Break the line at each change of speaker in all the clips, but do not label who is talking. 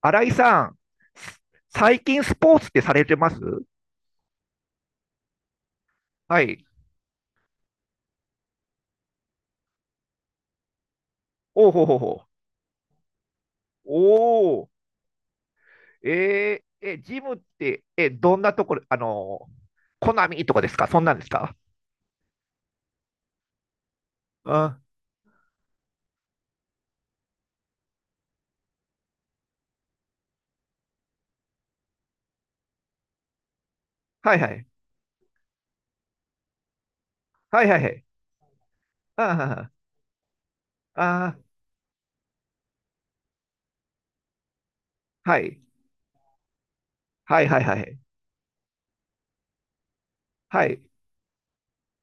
新井さん、最近スポーツってされてます？はい。おうほうほうほう。おー、ジムって、どんなところ、コナミとかですか？そんなんですか？あ、はいはい。はいはいはい。ああ、ああ、はい。はいはいはい。はい。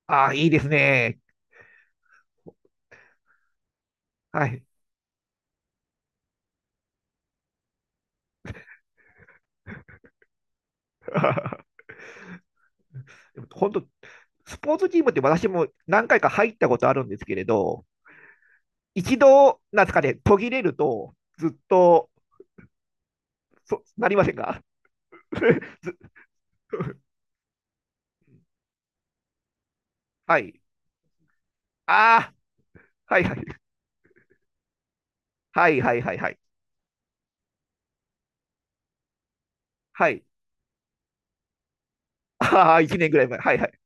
ああ、いいですね。はい。でも本当、スポーツチームって私も何回か入ったことあるんですけれど、一度、なんですかね、途切れると、ずっと、なりませんか？ はい。ああ、はいはい。はいはいはいはい。はい。ああ、1年ぐらい前。はいはい。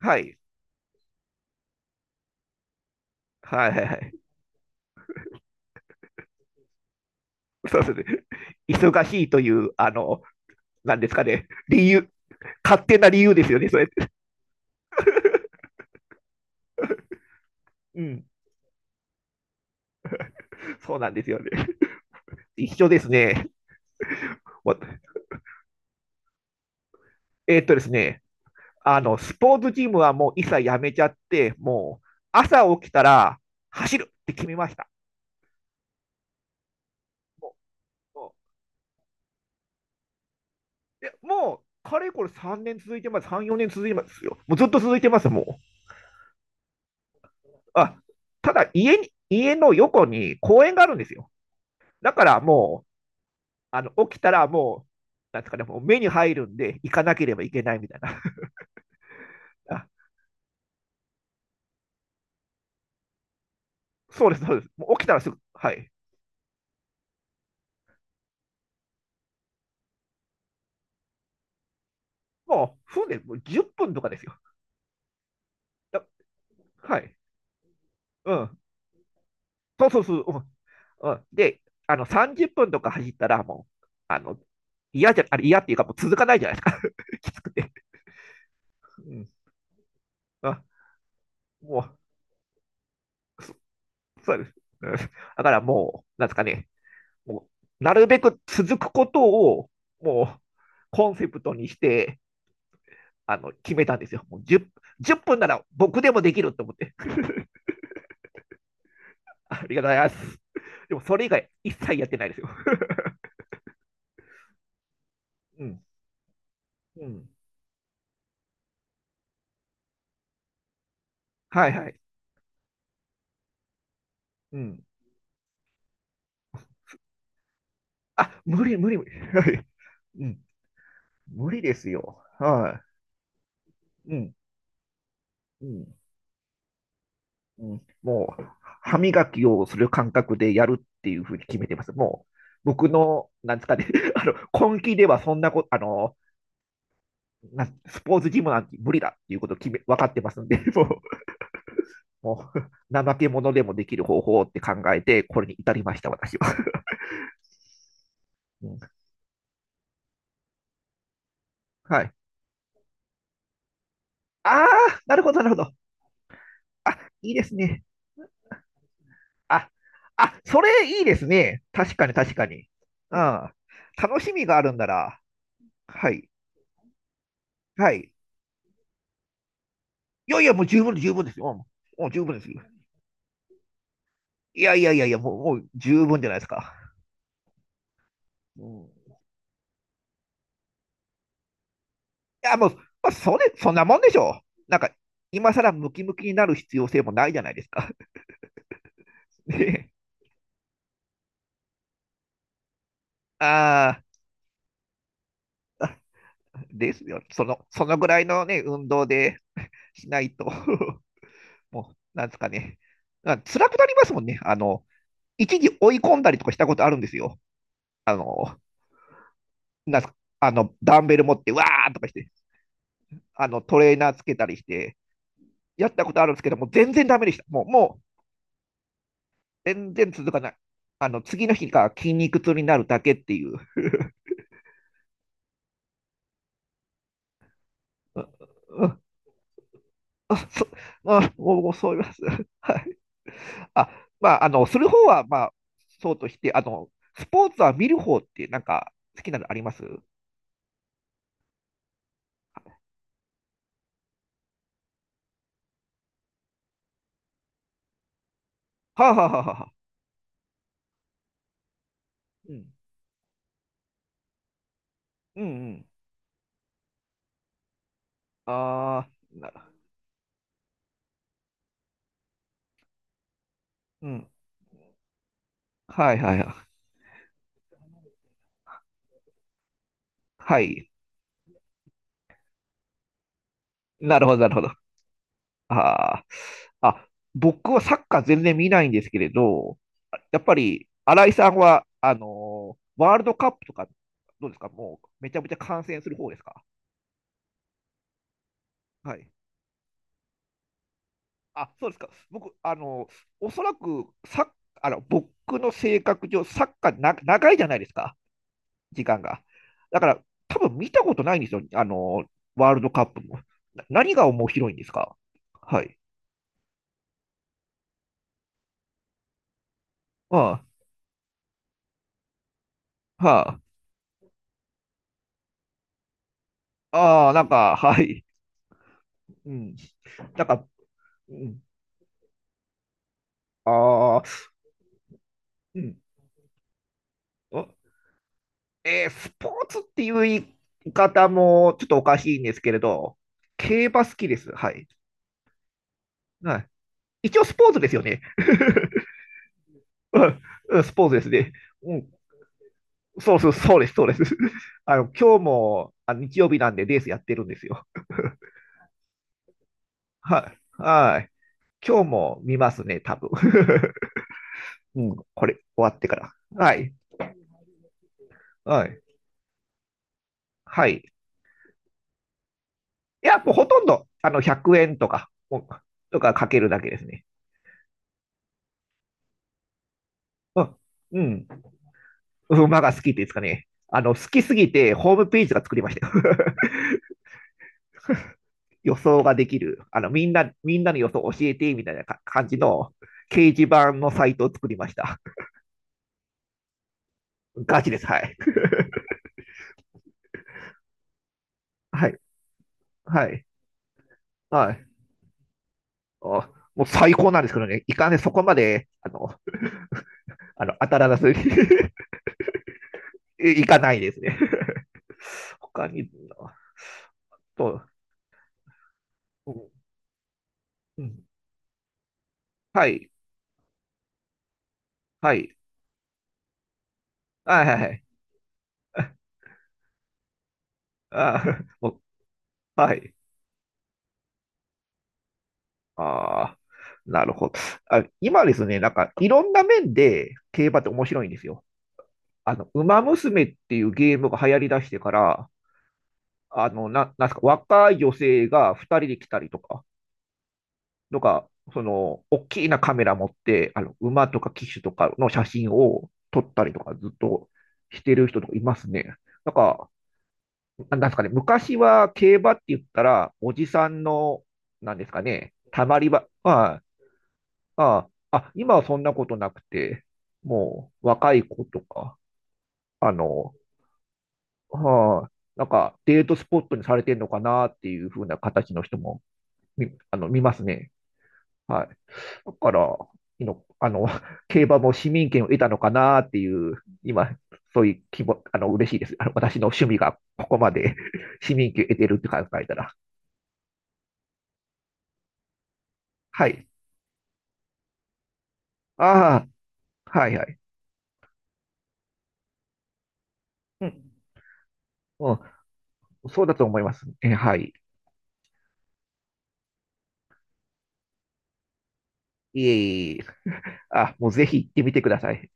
はい。はいはいはい。そうですね。忙しいという、なんですかね。理由、勝手な理由ですよね、それ。うん。そうなんですよね。一緒ですね。ですね。スポーツジムはもう一切やめちゃって、もう、朝起きたら走るって決めました。ももう、いやもうかれこれ3年続いてます。3、4年続いてますよ。もうずっと続いてます、あ、ただ家の横に公園があるんですよ。だからもう、起きたらもう、なんですかね、もう目に入るんで、行かなければいけないみたいな。あ、そうです、そうです。もう起きたらすぐ、はい。もう、船でもう10分とかですよ。だはい。うん。そうそうそう。うん。うんで、30分とか走ったら、もう、嫌じゃ、あれ嫌っていうか、もう続かないじゃないですか。きつくて。うん。あ、もう、そうです。うんだからもう、なんですかね、もうなるべく続くことを、もう、コンセプトにして、決めたんですよ。もう 10分なら僕でもできると思って。ありがとうございます。でも、それ以外、一切やってないですよ。うん。うん。はいはい。うん。あ、無理無理無理。はい。うん。無理ですよ。はい。うん。うん。うん。もう、歯磨きをする感覚でやるっていうふうに決めてます。もう、僕の、なんですかね、あ根気ではそんなこと、スポーツジムなんて無理だっていうことを分かってますんで、もう、もう怠け者でもできる方法って考えて、これに至りました、私は。うんはい。ああ、なるほど、なるほど。あ、いいですね。あ、あ、それいいですね。確かに、確かに。うん。楽しみがあるんなら、はい、はい。いやいや、もう十分、十分ですよ。もう十分ですよ。いやいやいやいや、もう、もう十分じゃないですか。うん、もう、まあ、そんなもんでしょう。なんか、今更ムキムキになる必要性もないじゃないですか。ね、あーあ、ですよ。そのぐらいのね、運動でしないと もう、なんですかね。まあ辛くなりますもんね。一時追い込んだりとかしたことあるんですよ。あの、なんすか、ダンベル持って、わーとかして、トレーナーつけたりして、やったことあるんですけど、もう全然ダメでした。もう、もう、全然続かない。次の日が筋肉痛になるだけっていう。うんうんあ、あ、もう、もうそう言います。はい。あ、まあ、する方は、まあ、そうとして、スポーツは見る方って、なんか、好きなのありますあ、はあはあはあ、うん。うん、うん。ああ、うん。はい、はい、はい。はい。なるほど、なるほど。ああ。あ、僕はサッカー全然見ないんですけれど、やっぱり、新井さんは、ワールドカップとか、どうですか？もう、めちゃめちゃ観戦する方ですか？はい。あ、そうですか。僕、おそらく、サッあの、僕の性格上、サッカー長いじゃないですか、時間が。だから、多分見たことないんですよ、ワールドカップも。何が面白いんですか？はい。ああ、はあ、ああ、なんか、はい。うん。なんか、うん、ああ、うん。あスポーツっていう言い方もちょっとおかしいんですけれど、競馬好きです。はい。はい。一応スポーツですよね。うんうんスポーツですね。うん、そうそう、そうです、そうです。今日も、あ、日曜日なんでレースやってるんですよ。はい。はい。今日も見ますね、多分。うん、これ、終わってから。はい。はい。はい。いや、もうほとんど、100円とか、もうとかかけるだけですね。うん。うん。馬が好きっていうんですかね。好きすぎて、ホームページが作りましたよ。予想ができる、みんなの予想教えて、みたいな感じの掲示板のサイトを作りました。ガチです。はい。はい。はい。はい。もう最高なんですけどね、いかんね、そこまで、当たらずに いかないですね。他に、と、うん、はい、はい、はい、はい、ああ はい、ああ、なるほど。今ですね、なんか、いろんな面で競馬って面白いんですよ。ウマ娘っていうゲームが流行り出してから、なんすか、若い女性が2人で来たりとか、とか、その、大きなカメラ持って、馬とか騎手とかの写真を撮ったりとか、ずっとしてる人とかいますね。なんか、なんですかね、昔は競馬って言ったら、おじさんの、なんですかね、たまり場、ああ、ああ、あ今はそんなことなくて、もう、若い子とか、あの、はい、なんかデートスポットにされてるのかなっていう風な形の人も見、あの、見ますね。はい。だから、いの、あの、競馬も市民権を得たのかなっていう、今、そういう気も、嬉しいです。私の趣味がここまで 市民権を得てるって考えたら。はい。ああ、はいはい。うん、うん、そうだと思います。え、はい。いえいえいえ、あ、もうぜひ行ってみてください。